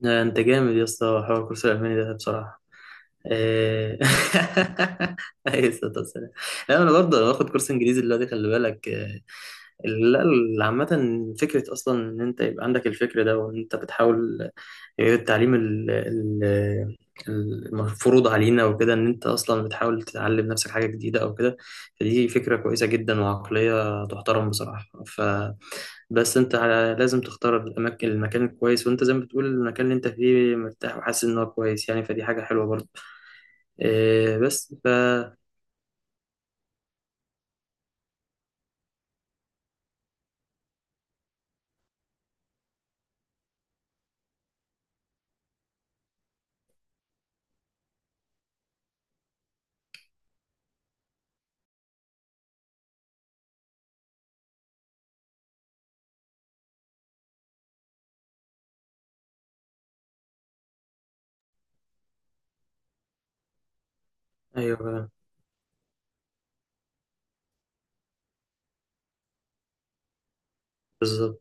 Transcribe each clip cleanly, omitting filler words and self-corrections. لا، انت جامد يا اسطى، حوار الكورس الالماني ده بصراحه. إيه. اي صوت والسلام. لا انا برضه باخد كورس انجليزي دلوقتي، خلي بالك إيه. لا ال- عامه، فكره اصلا ان انت يبقى عندك الفكر ده، وان انت بتحاول غير التعليم المفروض علينا وكده، ان انت اصلا بتحاول تتعلم نفسك حاجه جديده او كده. فدي فكره كويسه جدا، وعقليه تحترم بصراحه. بس انت لازم تختار المكان الكويس، وانت زي ما بتقول المكان اللي انت فيه مرتاح وحاسس ان هو كويس يعني، فدي حاجه حلوه برضه. إيه بس ايوه، بالظبط.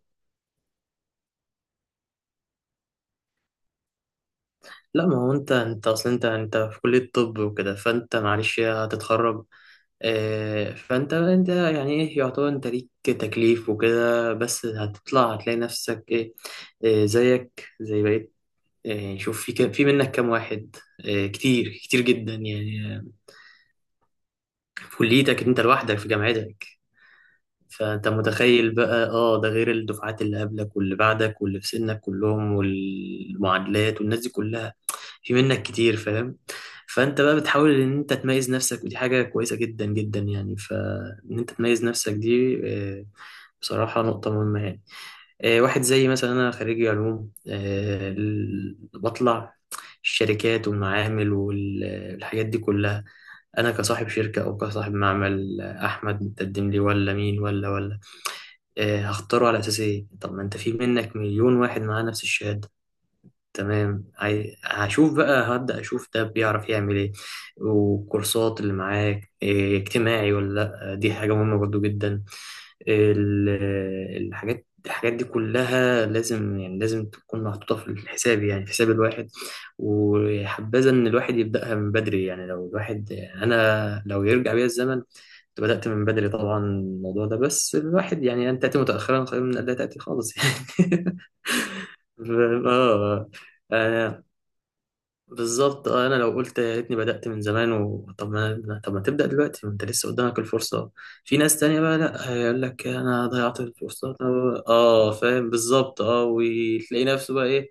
لا، ما هو انت، انت اصلا انت في كليه طب وكده، فانت معلش هتتخرج. إيه، فانت يعني ايه، يعتبر انت ليك تكليف وكده، بس هتطلع هتلاقي نفسك ايه، إيه زيك زي بقيت. إيه، شوف في منك كام واحد. إيه كتير كتير جدا يعني، في كليتك انت لوحدك، في جامعتك. فانت متخيل بقى، اه ده غير الدفعات اللي قبلك واللي بعدك واللي في سنك كلهم، والمعادلات والناس دي كلها. في منك كتير، فاهم. فانت بقى بتحاول ان انت تميز نفسك، ودي حاجة كويسة جدا جدا يعني. فان انت تميز نفسك دي، آه، بصراحة نقطة مهمة يعني. واحد زي مثلا أنا، خريجي علوم، بطلع الشركات والمعامل والحاجات دي كلها. أنا كصاحب شركة أو كصاحب معمل، أحمد متقدم لي ولا مين ولا هختاره على أساس إيه؟ طب ما أنت في منك مليون واحد معاه نفس الشهادة. تمام، هشوف بقى، هبدأ أشوف ده بيعرف يعمل إيه، والكورسات اللي معاك إيه، اجتماعي ولا. لأ دي حاجة مهمة برضو جدا. ال- الحاجات دي كلها لازم، يعني لازم تكون محطوطة في الحساب، يعني في حساب الواحد. وحبذا إن الواحد يبدأها من بدري يعني. لو الواحد، أنا لو يرجع بيا الزمن كنت بدأت من بدري طبعا الموضوع ده. بس الواحد يعني، أن تأتي متأخرا خير من أن لا تأتي خالص يعني. ف- آه آه، بالظبط. أنا لو قلت يا ريتني بدأت من زمان طب ما، تبدأ دلوقتي، ما أنت لسه قدامك الفرصة. في ناس تانية بقى لأ هيقول لك أنا ضيعت الفرصة، طب. آه فاهم، بالظبط. آه، وتلاقي نفسه بقى إيه.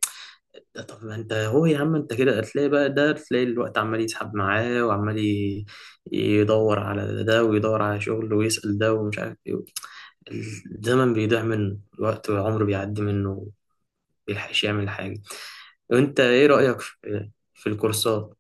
ده طب ما أنت هو يا عم، أنت كده هتلاقي بقى، ده تلاقي الوقت عمال يسحب معاه، يدور على ده ويدور على شغل، ويسأل ده ومش عارف ايه. الزمن بيضيع منه الوقت، والعمر بيعدي منه، مبيلحقش يعمل حاجة. وانت ايه رأيك في الكورسات؟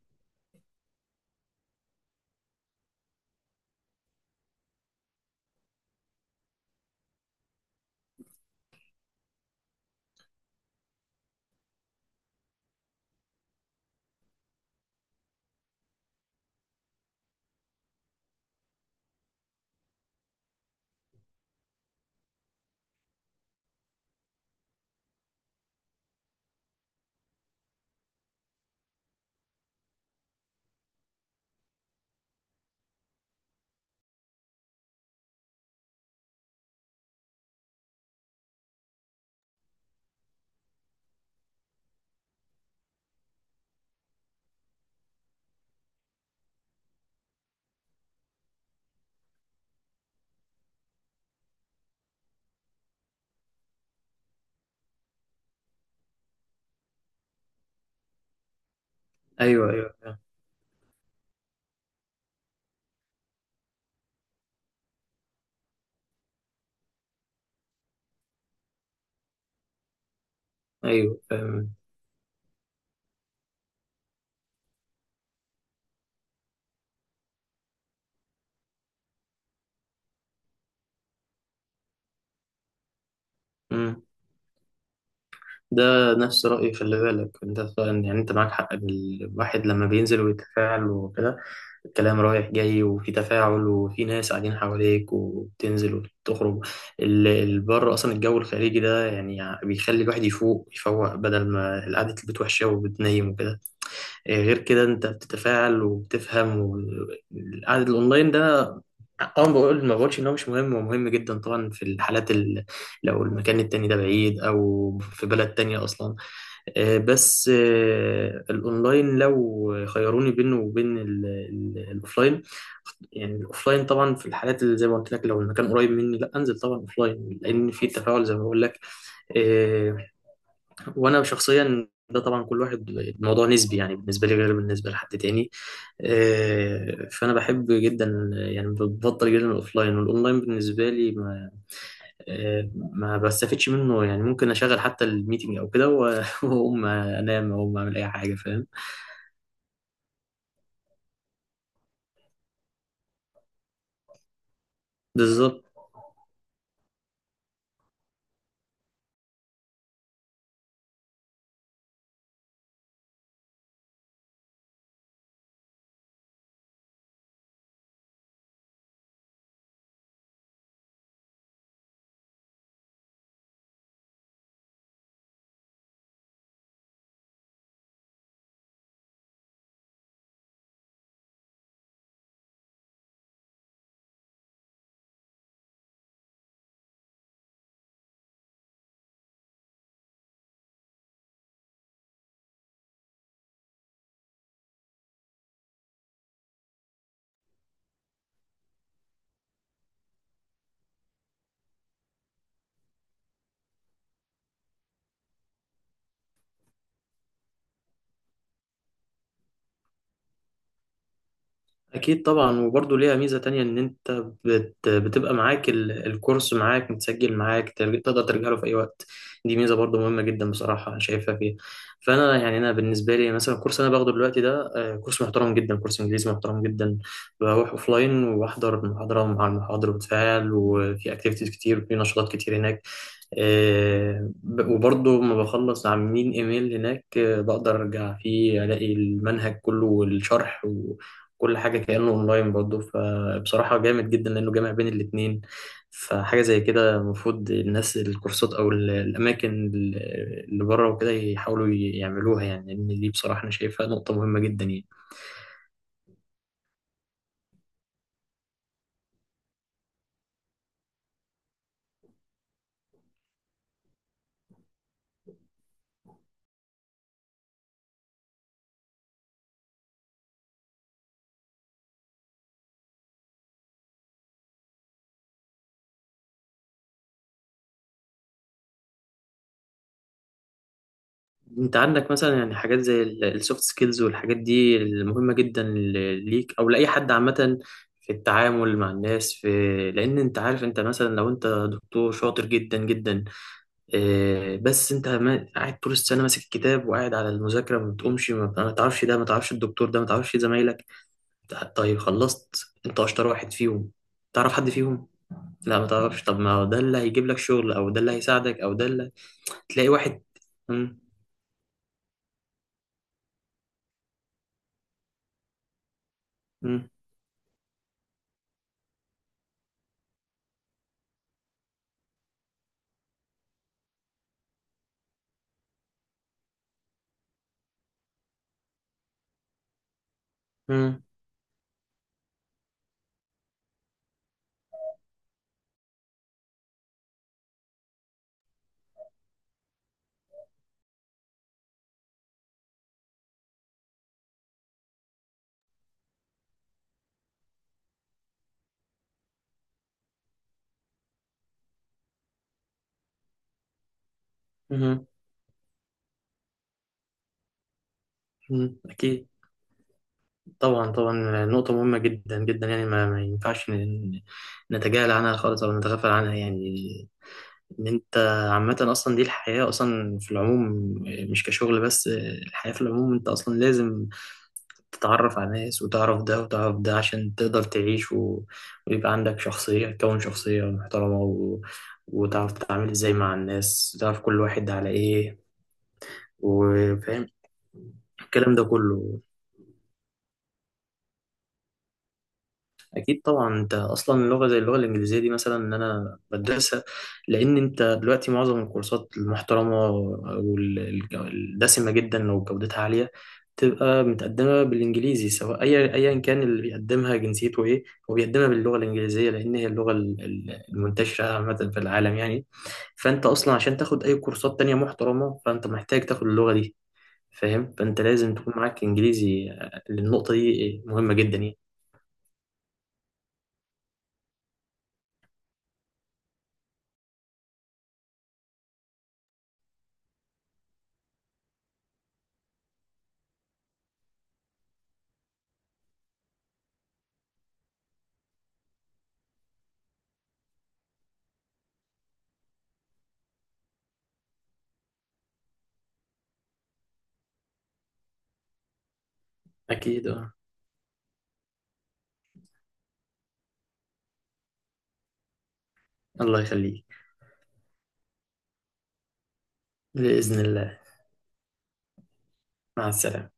ايوه ايوه فاهم. ايوه فاهم. مم. ده نفس رأيي، خلي بالك. انت يعني انت معاك حق. الواحد لما بينزل ويتفاعل وكده، الكلام رايح جاي، وفي تفاعل، وفي ناس قاعدين حواليك، وبتنزل وبتخرج بره، اصلا الجو الخارجي ده يعني بيخلي الواحد يفوق يفوق، بدل ما قعدة البيت وحشة وبتنيم وكده. غير كده انت بتتفاعل وبتفهم العدد الاونلاين ده، اه بقول، ما بقولش ان هو مش مهم، هو مهم جدا طبعا، في الحالات لو المكان التاني ده بعيد، او في بلد تانية اصلا. آه، بس آه، الاونلاين، لو خيروني بينه وبين الاوفلاين، يعني الاوفلاين طبعا، في الحالات اللي زي ما قلت لك. لو المكان قريب مني، لا انزل طبعا اوفلاين، لان في تفاعل زي ما بقول لك. آه، وانا شخصيا، ده طبعا كل واحد الموضوع نسبي يعني، بالنسبه لي غير بالنسبه لحد تاني. فانا بحب جدا، يعني بفضل جدا الاوفلاين. والاونلاين بالنسبه لي ما، ما بستفدش منه يعني، ممكن اشغل حتى الميتنج او كده واقوم انام او اعمل اي حاجه، فاهم. بالظبط. أكيد طبعا، وبرضه ليها ميزة تانية إن أنت بتبقى معاك الكورس، معاك متسجل معاك، تقدر ترجع له في أي وقت. دي ميزة برضه مهمة جدا، بصراحة أنا شايفها فيها. فأنا يعني، أنا بالنسبة لي مثلا، الكورس أنا باخده دلوقتي ده، كورس محترم جدا، كورس إنجليزي محترم جدا. بروح أوفلاين، وبحضر المحاضرة، ومع المحاضر بتفاعل، وفي أكتيفيتيز كتير، وفي نشاطات كتير هناك. وبرضه لما بخلص عاملين ايميل هناك، بقدر ارجع فيه الاقي المنهج كله والشرح، كل حاجة كأنه اونلاين برضه. فبصراحة جامد جدا لأنه جامع بين الاتنين. فحاجة زي كده المفروض الناس، الكورسات أو الأماكن اللي بره وكده، يحاولوا يعملوها يعني، لأن دي بصراحة أنا شايفها نقطة مهمة جدا يعني. أنت عندك مثلا يعني حاجات زي السوفت سكيلز، والحاجات دي المهمة جدا ليك أو لأي حد عامة، في التعامل مع الناس، في، لأن أنت عارف. أنت مثلا لو أنت دكتور شاطر جدا جدا، بس انت قاعد طول السنه ماسك الكتاب وقاعد على المذاكره، ما بتقومش، ما تعرفش ده، ما تعرفش الدكتور ده، ما تعرفش زمايلك. طيب خلصت، انت اشطر واحد فيهم، تعرف حد فيهم؟ لا ما تعرفش. طب ما هو ده اللي هيجيب لك شغل، او ده اللي هيساعدك، او ده اللي تلاقي واحد. مم، مم، مم، مم، مم. اكيد. طبعا طبعا، نقطه مهمه جدا جدا يعني. ما ينفعش نتجاهل عنها خالص، او نتغافل عنها يعني. ان انت، عامة اصلا دي الحياة اصلا في العموم، مش كشغل بس، الحياة في العموم انت اصلا لازم تتعرف على ناس، وتعرف ده وتعرف ده عشان تقدر تعيش، ويبقى عندك شخصية، تكون شخصية محترمة، وتعرف تتعامل ازاي مع الناس، تعرف كل واحد على ايه، وفاهم الكلام ده كله. اكيد طبعا. انت اصلا لغه زي اللغه الانجليزيه دي مثلا ان انا بدرسها، لان انت دلوقتي معظم الكورسات المحترمه والدسمه جدا، لو جودتها عاليه تبقى متقدمه بالانجليزي، سواء اي ايا كان اللي بيقدمها جنسيته ايه، هو بيقدمها باللغه الانجليزيه، لان هي اللغه المنتشره عامه في العالم يعني. فانت اصلا عشان تاخد اي كورسات تانية محترمه، فانت محتاج تاخد اللغه دي، فاهم. فانت لازم تكون معاك انجليزي. النقطه دي مهمه جدا يعني. اكيد اه، الله يخليك. بإذن الله. مع السلامة.